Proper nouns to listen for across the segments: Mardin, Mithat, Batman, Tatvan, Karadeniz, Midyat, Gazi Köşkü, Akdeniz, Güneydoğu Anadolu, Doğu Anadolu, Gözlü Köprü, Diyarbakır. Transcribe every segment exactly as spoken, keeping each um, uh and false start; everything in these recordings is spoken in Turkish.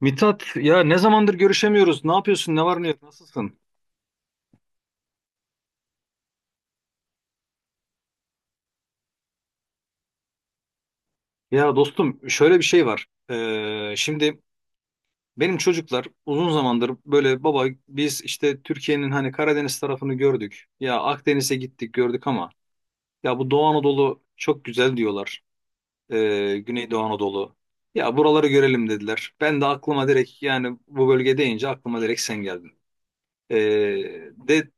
Mithat ya ne zamandır görüşemiyoruz. Ne yapıyorsun? Ne var ne yok? Nasılsın? Ya dostum şöyle bir şey var. Ee, şimdi benim çocuklar uzun zamandır böyle baba biz işte Türkiye'nin hani Karadeniz tarafını gördük. Ya Akdeniz'e gittik gördük ama ya bu Doğu Anadolu çok güzel diyorlar. Ee, Güneydoğu Anadolu. Ya buraları görelim dediler. Ben de aklıma direkt yani bu bölge deyince aklıma direkt sen geldin. Ee, de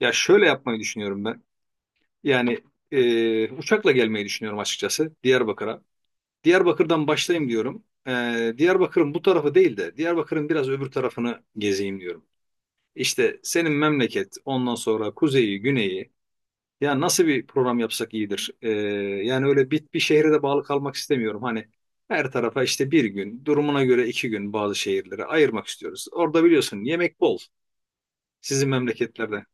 Ya şöyle yapmayı düşünüyorum ben. Yani e, uçakla gelmeyi düşünüyorum açıkçası Diyarbakır'a. Diyarbakır'dan başlayayım diyorum. E, Diyarbakır'ın bu tarafı değil de Diyarbakır'ın biraz öbür tarafını gezeyim diyorum. İşte senin memleket, ondan sonra kuzeyi, güneyi. Ya nasıl bir program yapsak iyidir. E, yani öyle bir, bir şehre de bağlı kalmak istemiyorum. Hani her tarafa işte bir gün, durumuna göre iki gün bazı şehirlere ayırmak istiyoruz. Orada biliyorsun yemek bol sizin memleketlerde.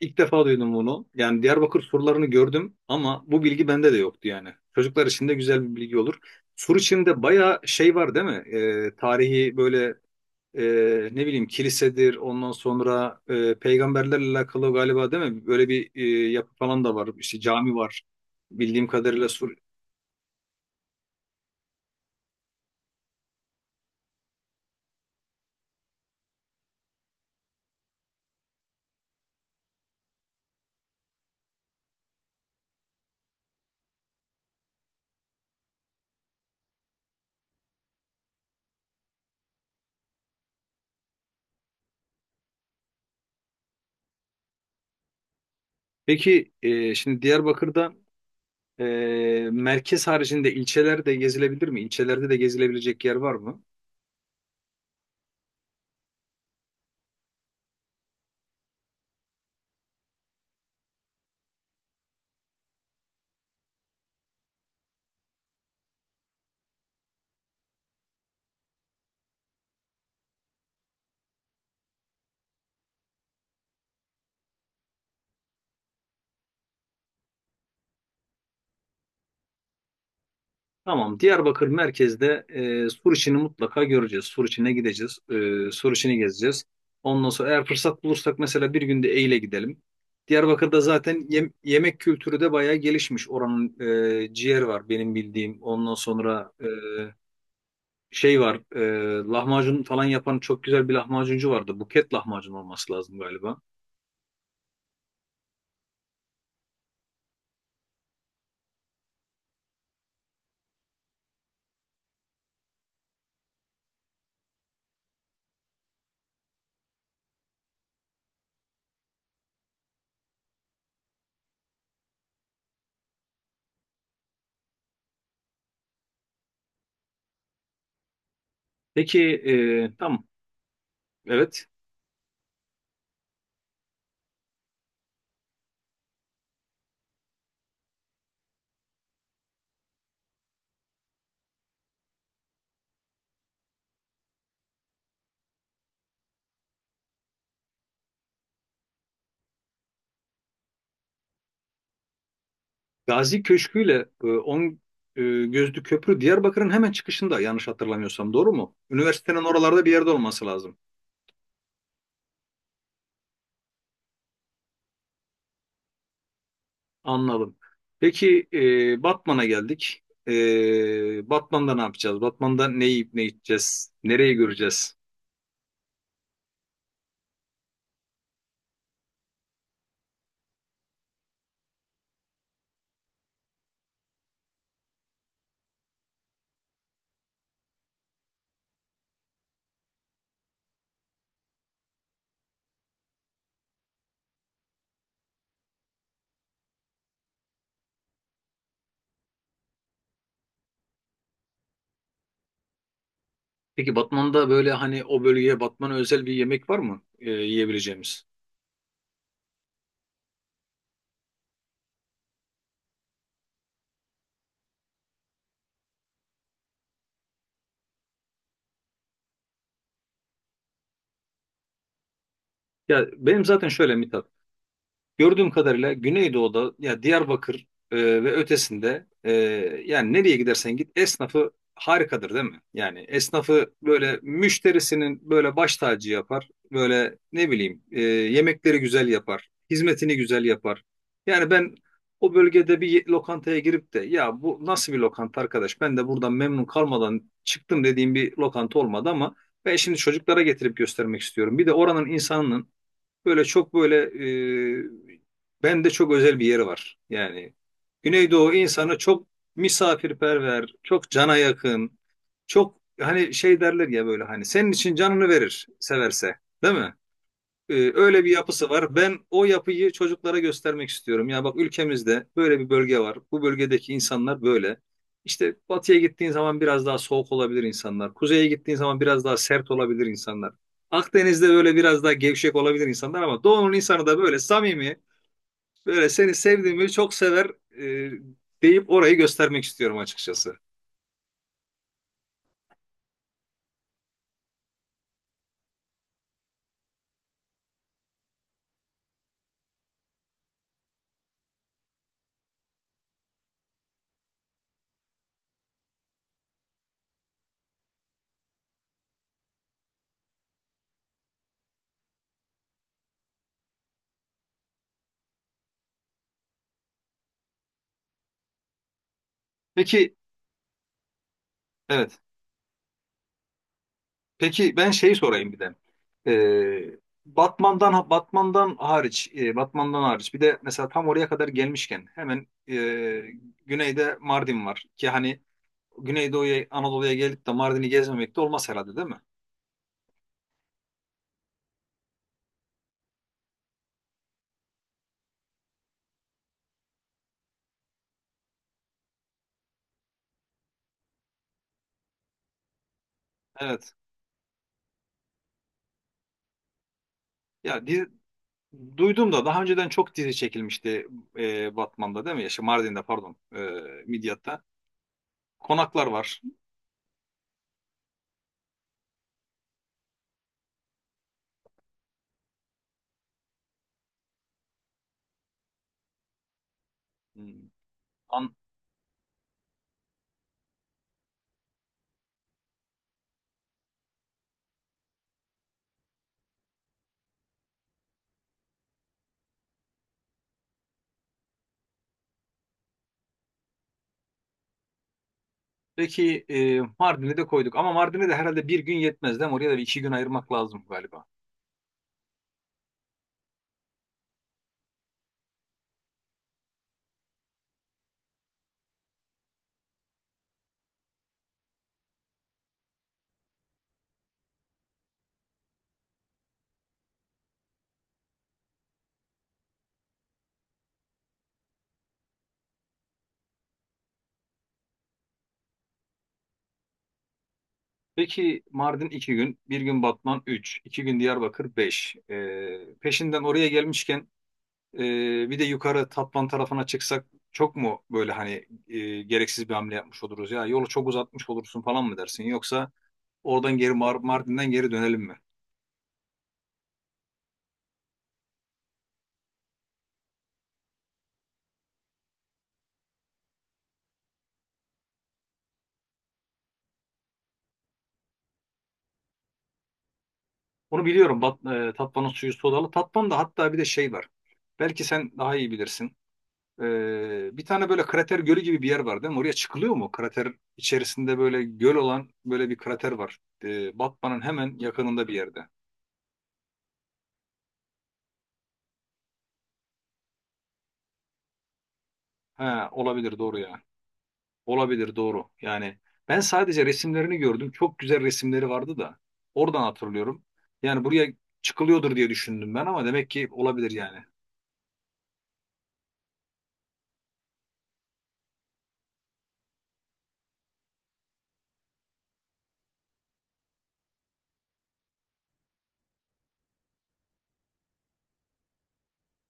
İlk defa duydum bunu. Yani Diyarbakır surlarını gördüm ama bu bilgi bende de yoktu yani. Çocuklar için de güzel bir bilgi olur. Sur içinde bayağı şey var değil mi? Ee, tarihi böyle e, ne bileyim kilisedir ondan sonra e, peygamberlerle alakalı galiba değil mi? Böyle bir e, yapı falan da var. İşte cami var bildiğim kadarıyla Sur. Peki e, şimdi Diyarbakır'da e, merkez haricinde ilçeler de gezilebilir mi? İlçelerde de gezilebilecek yer var mı? Tamam. Diyarbakır merkezde e, sur içini mutlaka göreceğiz. Sur içine gideceğiz. E, sur içini gezeceğiz. Ondan sonra eğer fırsat bulursak mesela bir günde Eyle gidelim. Diyarbakır'da zaten yem- yemek kültürü de bayağı gelişmiş. Oranın e, ciğer var benim bildiğim. Ondan sonra e, şey var. E, lahmacun falan yapan çok güzel bir lahmacuncu vardı. Buket lahmacun olması lazım galiba. Peki e, tamam. Evet. Gazi Köşkü ile e, On e, Gözlü Köprü Diyarbakır'ın hemen çıkışında yanlış hatırlamıyorsam doğru mu? Üniversitenin oralarda bir yerde olması lazım. Anladım. Peki e, Batman'a geldik. E, Batman'da ne yapacağız? Batman'da ne yiyip ne içeceğiz? Nereyi göreceğiz? Peki Batman'da böyle hani o bölgeye Batman'a özel bir yemek var mı e, yiyebileceğimiz? Ya benim zaten şöyle Mithat. Gördüğüm kadarıyla Güneydoğu'da ya Diyarbakır e, ve ötesinde e, yani nereye gidersen git esnafı harikadır değil mi? Yani esnafı böyle müşterisinin böyle baş tacı yapar. Böyle ne bileyim e, yemekleri güzel yapar. Hizmetini güzel yapar. Yani ben o bölgede bir lokantaya girip de ya bu nasıl bir lokanta arkadaş ben de buradan memnun kalmadan çıktım dediğim bir lokanta olmadı ama ben şimdi çocuklara getirip göstermek istiyorum. Bir de oranın insanının böyle çok böyle e, bende çok özel bir yeri var. Yani Güneydoğu insanı çok misafirperver, çok cana yakın, çok hani şey derler ya böyle hani senin için canını verir severse, değil mi? Ee, öyle bir yapısı var. Ben o yapıyı çocuklara göstermek istiyorum. Ya bak ülkemizde böyle bir bölge var. Bu bölgedeki insanlar böyle. İşte batıya gittiğin zaman biraz daha soğuk olabilir insanlar. Kuzeye gittiğin zaman biraz daha sert olabilir insanlar. Akdeniz'de böyle biraz daha gevşek olabilir insanlar ama doğunun insanı da böyle samimi, böyle seni sevdiğimi çok sever e, deyip orayı göstermek istiyorum açıkçası. Peki, evet. Peki ben şey sorayım bir de. Ee, Batman'dan Batman'dan hariç, e, Batman'dan hariç bir de mesela tam oraya kadar gelmişken hemen e, güneyde Mardin var ki hani Güneydoğu'ya Anadolu'ya gelip de Mardin'i gezmemek de olmaz herhalde değil mi? Evet. Ya dizi, duydum da daha önceden çok dizi çekilmişti e, Batman'da değil mi? Ya, şey, Mardin'de pardon, e, Midyat'ta. Konaklar var. Hmm. An- Peki e, Mardin'i de koyduk ama Mardin'e de herhalde bir gün yetmez değil mi? Oraya da bir iki gün ayırmak lazım galiba. Peki Mardin iki gün, bir gün Batman üç, iki gün Diyarbakır beş. Ee, peşinden oraya gelmişken e, bir de yukarı Tatvan tarafına çıksak çok mu böyle hani e, gereksiz bir hamle yapmış oluruz ya yolu çok uzatmış olursun falan mı dersin yoksa oradan geri Mar Mardin'den geri dönelim mi? Onu biliyorum Bat e, Tatvan'ın suyu sodalı. Tatvan'da hatta bir de şey var. Belki sen daha iyi bilirsin. Ee, bir tane böyle krater gölü gibi bir yer var değil mi? Oraya çıkılıyor mu? Krater içerisinde böyle göl olan böyle bir krater var. Ee, Batman'ın hemen yakınında bir yerde. Ha, olabilir doğru ya. Olabilir doğru. Yani ben sadece resimlerini gördüm. Çok güzel resimleri vardı da. Oradan hatırlıyorum. Yani buraya çıkılıyordur diye düşündüm ben ama demek ki olabilir yani.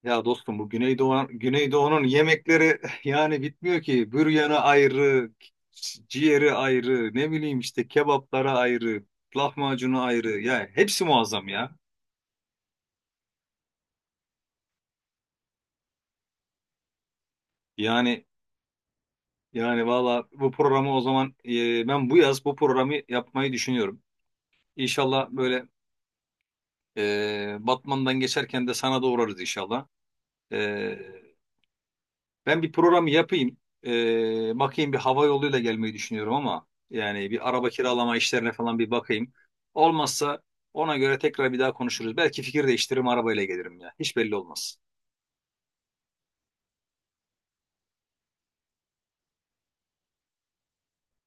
Ya dostum bu Güneydoğu, Güneydoğu'nun yemekleri yani bitmiyor ki. Büryanı ayrı, ci- ciğeri ayrı, ne bileyim işte kebaplara ayrı, lahmacunu ayrı. Ya hepsi muazzam ya. Yani yani valla bu programı o zaman e, ben bu yaz bu programı yapmayı düşünüyorum. İnşallah böyle e, Batman'dan geçerken de sana da uğrarız inşallah. E, Ben bir programı yapayım. Ee, bakayım, bir hava yoluyla gelmeyi düşünüyorum ama yani bir araba kiralama işlerine falan bir bakayım. Olmazsa ona göre tekrar bir daha konuşuruz. Belki fikir değiştiririm arabayla gelirim ya. Hiç belli olmaz.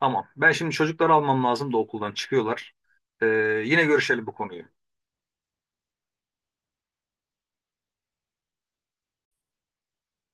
Tamam. Ben şimdi çocukları almam lazım da okuldan çıkıyorlar. Ee, Yine görüşelim bu konuyu.